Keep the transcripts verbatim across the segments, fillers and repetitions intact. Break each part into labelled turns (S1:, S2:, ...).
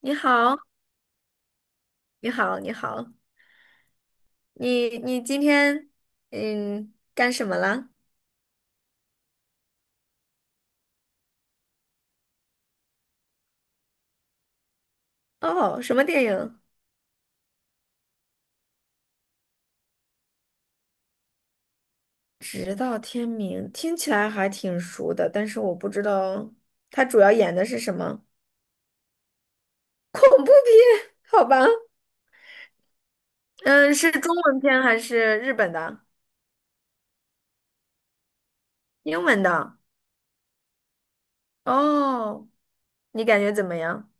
S1: 你好，你好，你好，你你今天嗯干什么了？哦，什么电影？直到天明，听起来还挺熟的，但是我不知道它主要演的是什么。 恐怖片，好吧？嗯，是中文片还是日本的？英文的？哦，你感觉怎么样？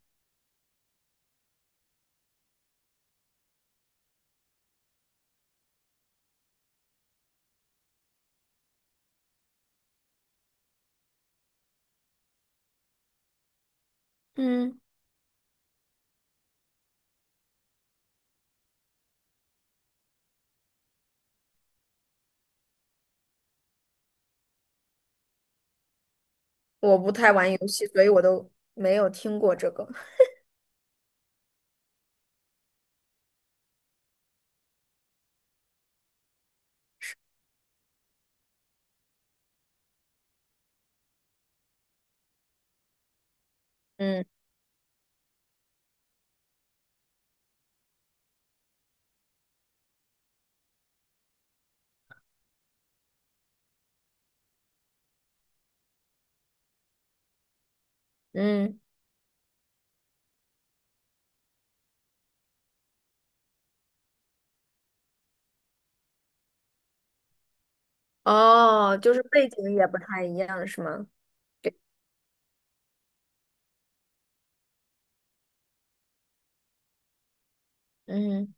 S1: 嗯，我不太玩游戏，所以我都没有听过这个。嗯嗯。哦，就是背景也不太一样，是吗？嗯。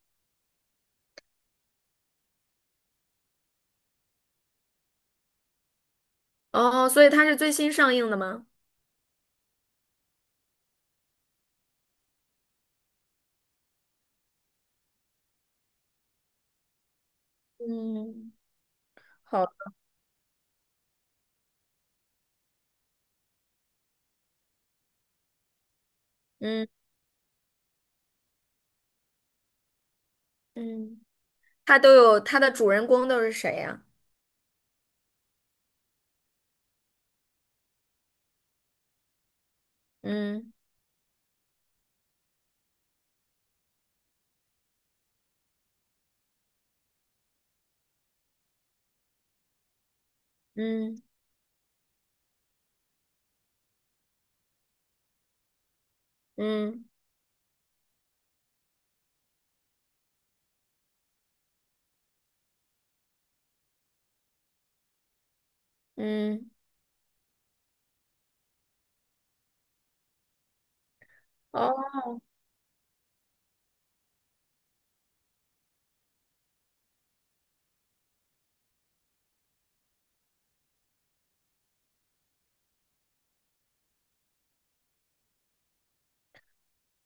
S1: 哦，所以它是最新上映的吗？嗯，好，嗯嗯，它都有它的主人公都是谁呀？嗯。嗯。嗯。嗯。哦，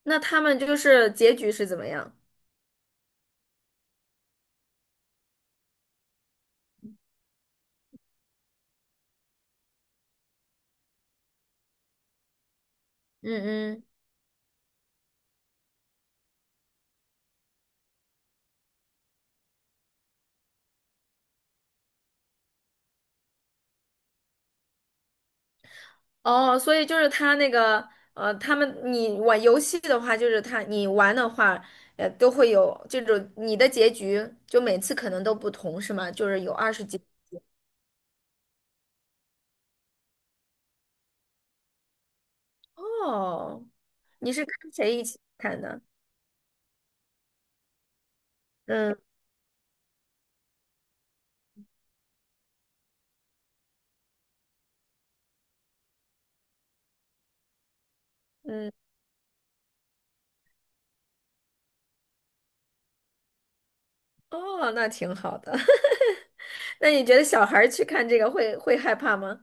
S1: 那他们就是结局是怎么样？嗯。嗯，哦，所以就是他那个，呃，他们你玩游戏的话，就是他你玩的话，呃，都会有这种你的结局，就每次可能都不同，是吗？就是有二十几。哦，你是跟谁一起看的？嗯。嗯。哦，那挺好的。那你觉得小孩儿去看这个会会害怕吗？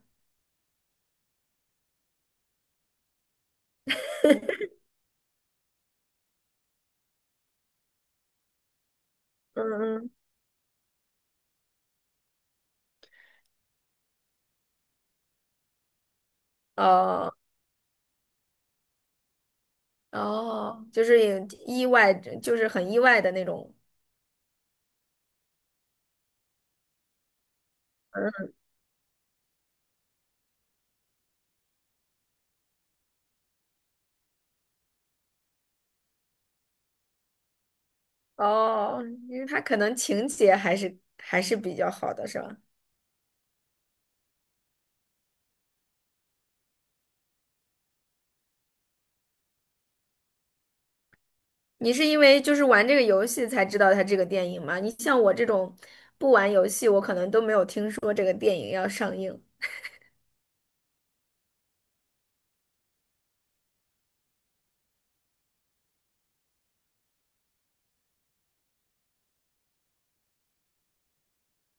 S1: 嗯。嗯。哦。哦，就是也意外，就是很意外的那种。嗯，哦，因为他可能情节还是还是比较好的，是吧？你是因为就是玩这个游戏才知道它这个电影吗？你像我这种不玩游戏，我可能都没有听说这个电影要上映。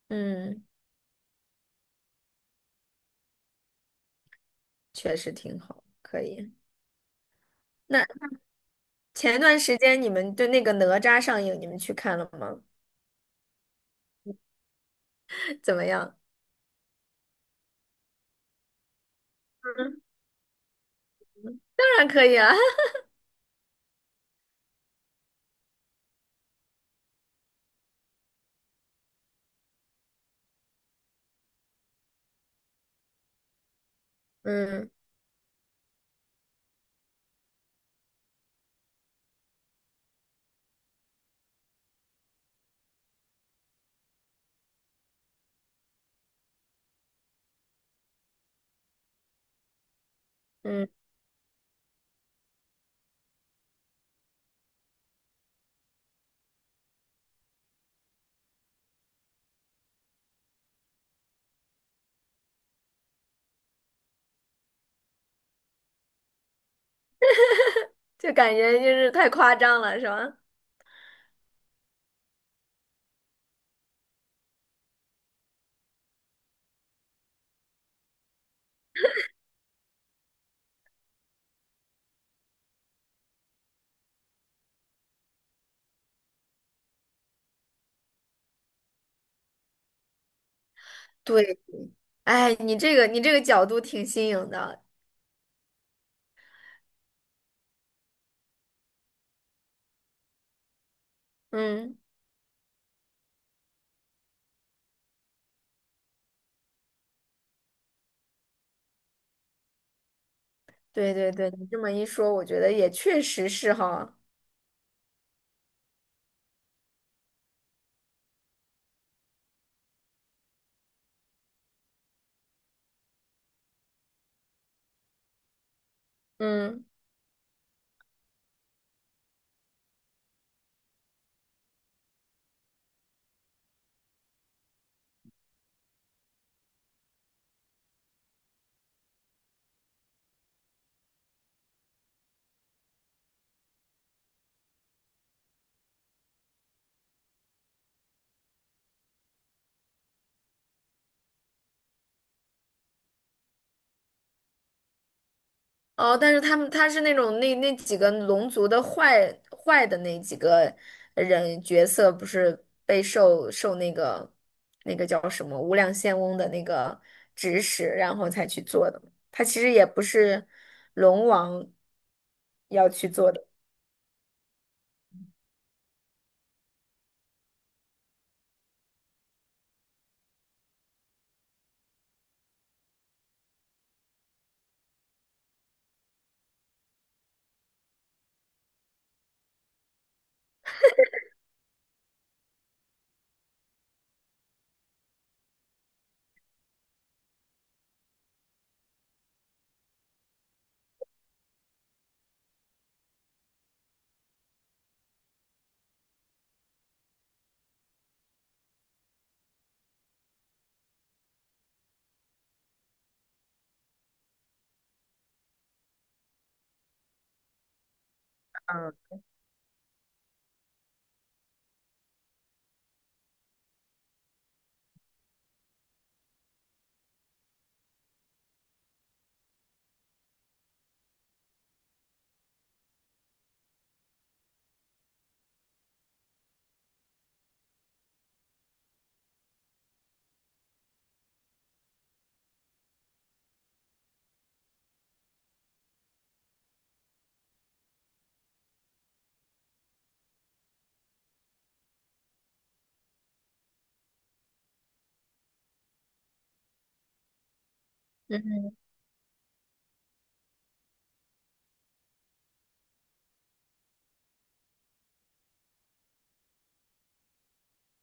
S1: 嗯，确实挺好，可以。那前段时间你们对那个哪吒上映，你们去看了吗？怎么样？嗯，当然可以啊。嗯嗯，就感觉就是太夸张了，是吧？对，哎，你这个你这个角度挺新颖的。嗯，对对对，你这么一说，我觉得也确实是哈。嗯。哦，但是他们他是那种那那几个龙族的坏坏的那几个人角色，不是被受受那个那个叫什么无量仙翁的那个指使，然后才去做的。他其实也不是龙王要去做的。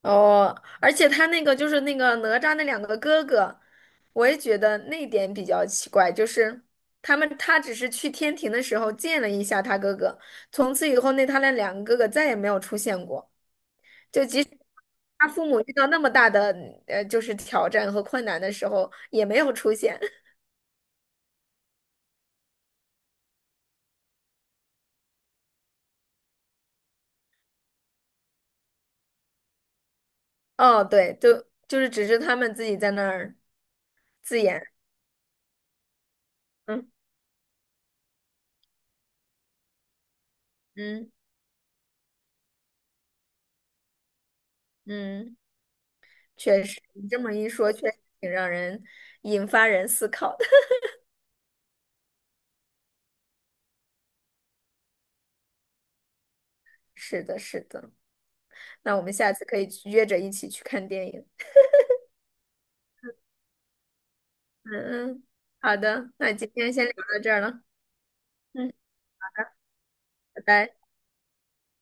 S1: 哦，而且他那个就是那个哪吒那两个哥哥，我也觉得那点比较奇怪，就是他们他只是去天庭的时候见了一下他哥哥，从此以后那他那两个哥哥再也没有出现过。他父母遇到那么大的，呃，就是挑战和困难的时候也没有出现。哦，对，就就是只是他们自己在那儿自演。嗯。嗯。嗯，确实，你这么一说，确实挺让人引发人思考的。是的，是的。那我们下次可以去约着一起去看电影。嗯嗯，好的，那今天先聊到这儿了。嗯，拜拜。